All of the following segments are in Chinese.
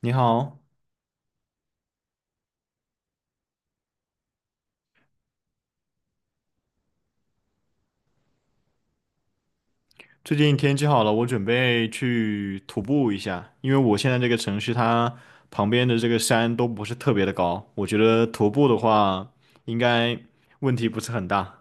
你好，最近天气好了，我准备去徒步一下，因为我现在这个城市它旁边的这个山都不是特别的高，我觉得徒步的话应该问题不是很大。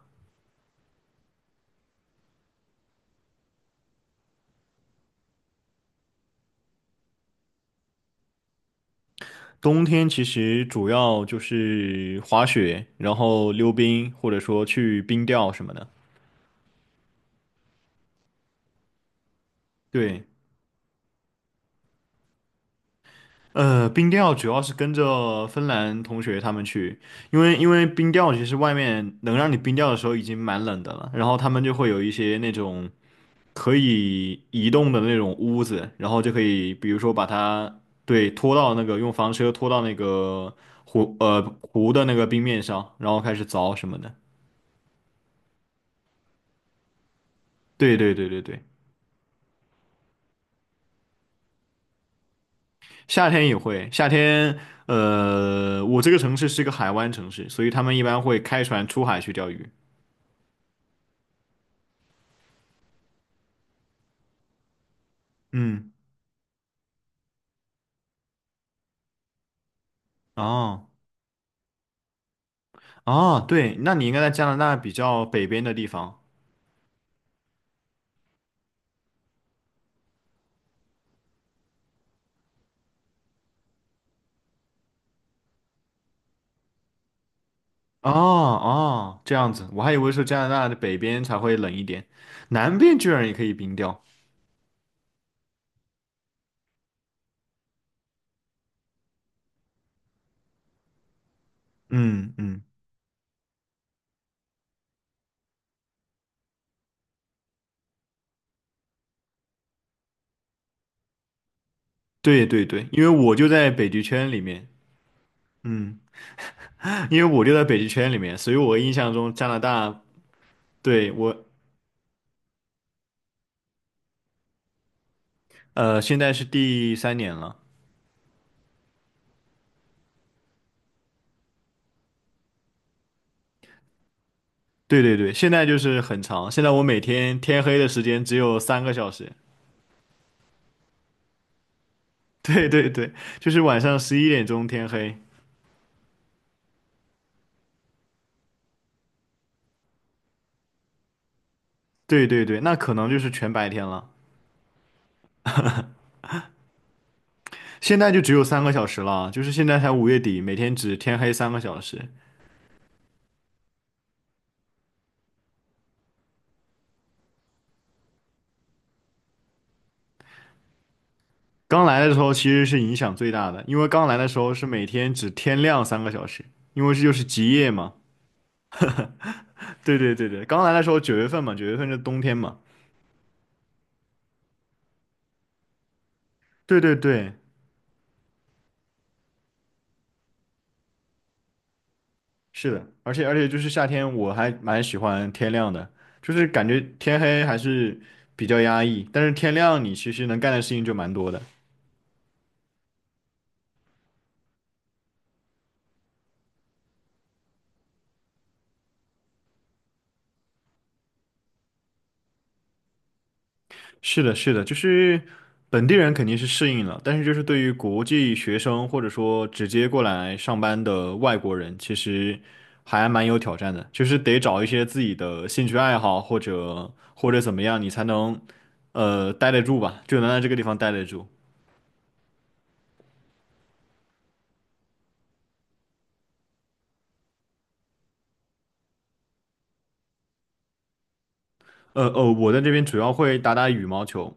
冬天其实主要就是滑雪，然后溜冰，或者说去冰钓什么的。对，冰钓主要是跟着芬兰同学他们去，因为冰钓其实外面能让你冰钓的时候已经蛮冷的了，然后他们就会有一些那种。可以移动的那种屋子，然后就可以，比如说把它对拖到那个用房车拖到那个湖的那个冰面上，然后开始凿什么的。对对对对对，夏天也会，夏天我这个城市是个海湾城市，所以他们一般会开船出海去钓鱼。嗯，哦哦，对，那你应该在加拿大比较北边的地方。哦哦，这样子，我还以为是加拿大的北边才会冷一点，南边居然也可以冰钓。嗯嗯，对对对，因为我就在北极圈里面。嗯，因为我就在北极圈里面，所以我印象中加拿大，对，我，现在是第三年了，对对对，现在就是很长，现在我每天天黑的时间只有三个小时。对对对，就是晚上11点钟天黑，对对对，那可能就是全白天了，现在就只有三个小时了，就是现在才5月底，每天只天黑三个小时。刚来的时候其实是影响最大的，因为刚来的时候是每天只天亮三个小时，因为这就是极夜嘛。对对对对，刚来的时候九月份嘛，九月份是冬天嘛。对对对，是的，而且就是夏天，我还蛮喜欢天亮的，就是感觉天黑还是比较压抑，但是天亮你其实能干的事情就蛮多的。是的，是的，就是本地人肯定是适应了，但是就是对于国际学生或者说直接过来上班的外国人，其实还蛮有挑战的，就是得找一些自己的兴趣爱好或者怎么样，你才能待得住吧，就能在这个地方待得住。哦，我在这边主要会打打羽毛球，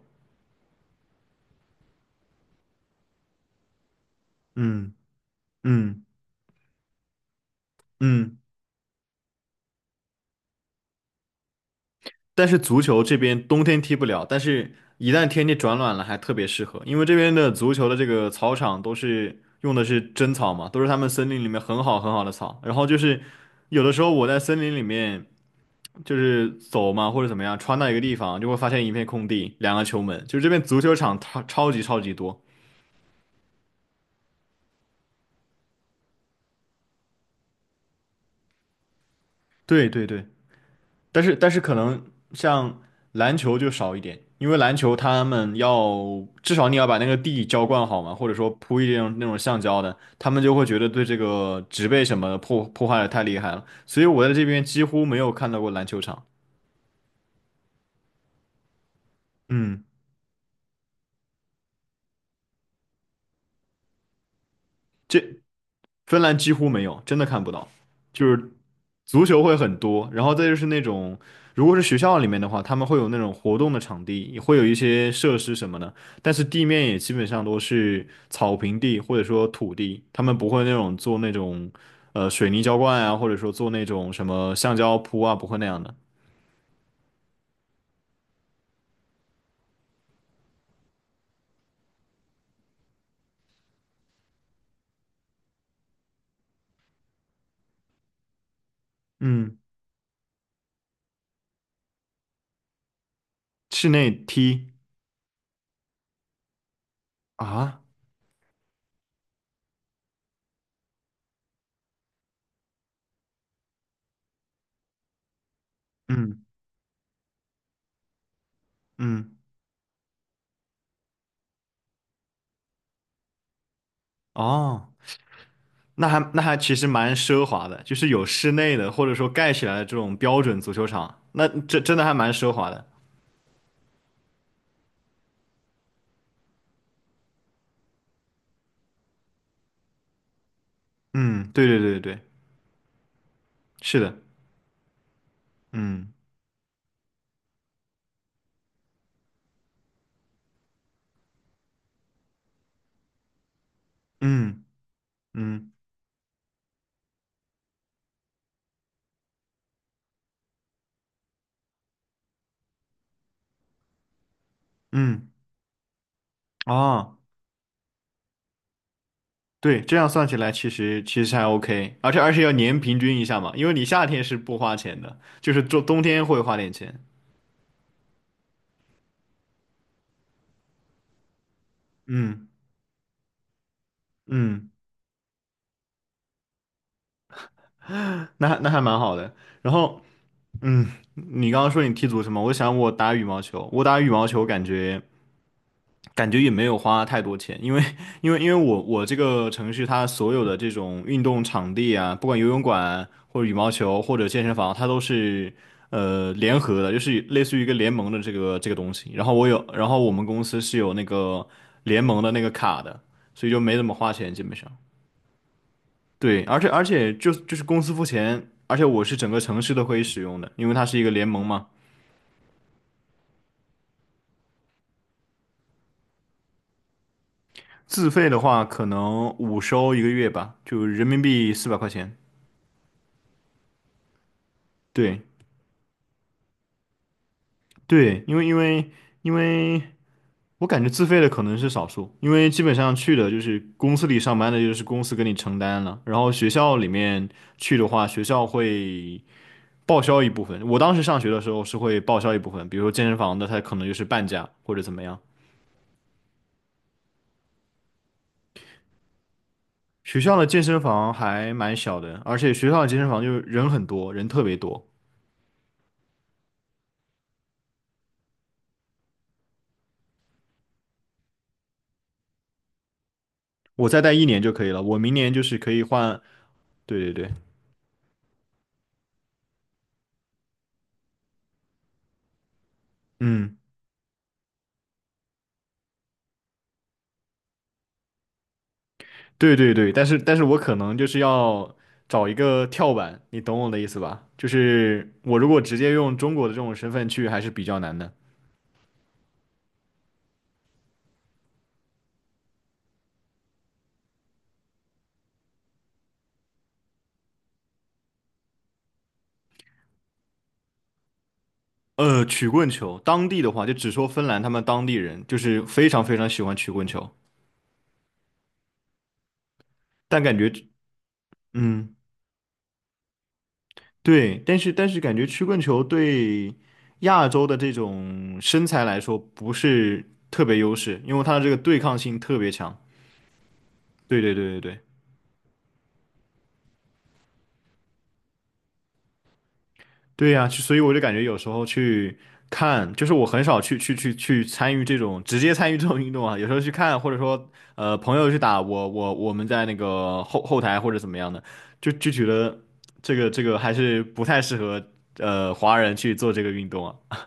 嗯嗯嗯。但是足球这边冬天踢不了，但是一旦天气转暖了，还特别适合，因为这边的足球的这个草场都是用的是真草嘛，都是他们森林里面很好很好的草。然后就是有的时候我在森林里面就是走嘛，或者怎么样，穿到一个地方就会发现一片空地，2个球门，就是这边足球场超级多。对对对。但是可能像篮球就少一点，因为篮球他们要至少你要把那个地浇灌好嘛，或者说铺一点那种橡胶的，他们就会觉得对这个植被什么的破坏的太厉害了，所以我在这边几乎没有看到过篮球场。嗯，这芬兰几乎没有，真的看不到。就是足球会很多，然后再就是那种，如果是学校里面的话，他们会有那种活动的场地，也会有一些设施什么的，但是地面也基本上都是草坪地或者说土地，他们不会那种做那种水泥浇灌啊，或者说做那种什么橡胶铺啊，不会那样的。嗯，室内踢啊，嗯嗯，哦。那还其实蛮奢华的，就是有室内的或者说盖起来的这种标准足球场，那这真的还蛮奢华的。嗯，对对对对，对，是的，嗯嗯嗯嗯，哦，对，这样算起来其实还 OK，而且要年平均一下嘛，因为你夏天是不花钱的，就是冬天会花点钱。嗯嗯，那还蛮好的。然后嗯，你刚刚说你踢足球嘛，我想我打羽毛球，我打羽毛球感觉。感觉也没有花太多钱，因为我这个城市它所有的这种运动场地啊，不管游泳馆或者羽毛球或者健身房，它都是联合的，就是类似于一个联盟的这个这个东西。然后我有，然后我们公司是有那个联盟的那个卡的，所以就没怎么花钱，基本上。对，而且就是公司付钱，而且我是整个城市都可以使用的，因为它是一个联盟嘛。自费的话，可能五收一个月吧，就人民币400块钱。对。对，因为我感觉自费的可能是少数，因为基本上去的就是公司里上班的，就是公司给你承担了，然后学校里面去的话，学校会报销一部分。我当时上学的时候是会报销一部分，比如说健身房的，它可能就是半价或者怎么样。学校的健身房还蛮小的，而且学校的健身房就是人很多，人特别多。我再待一年就可以了，我明年就是可以换。对对对，嗯。对对对，但是我可能就是要找一个跳板，你懂我的意思吧？就是我如果直接用中国的这种身份去，还是比较难的。曲棍球，当地的话就只说芬兰他们当地人就是非常非常喜欢曲棍球，但感觉，嗯，对，但是感觉曲棍球对亚洲的这种身材来说不是特别优势，因为它的这个对抗性特别强。对对对对对。对呀，就所以我就感觉有时候去看，就是我很少去参与这种直接参与这种运动啊，有时候去看，或者说朋友去打，我们在那个后台或者怎么样的，就觉得这个还是不太适合华人去做这个运动啊。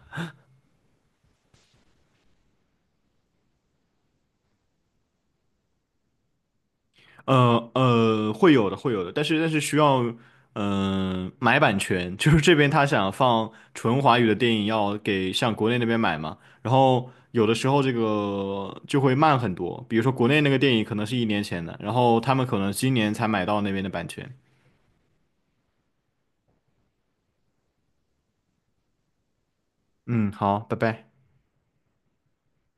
会有的，会有的，但是需要，嗯、买版权，就是这边他想放纯华语的电影，要给向国内那边买嘛，然后有的时候这个就会慢很多，比如说国内那个电影可能是一年前的，然后他们可能今年才买到那边的版权。嗯，好，拜拜。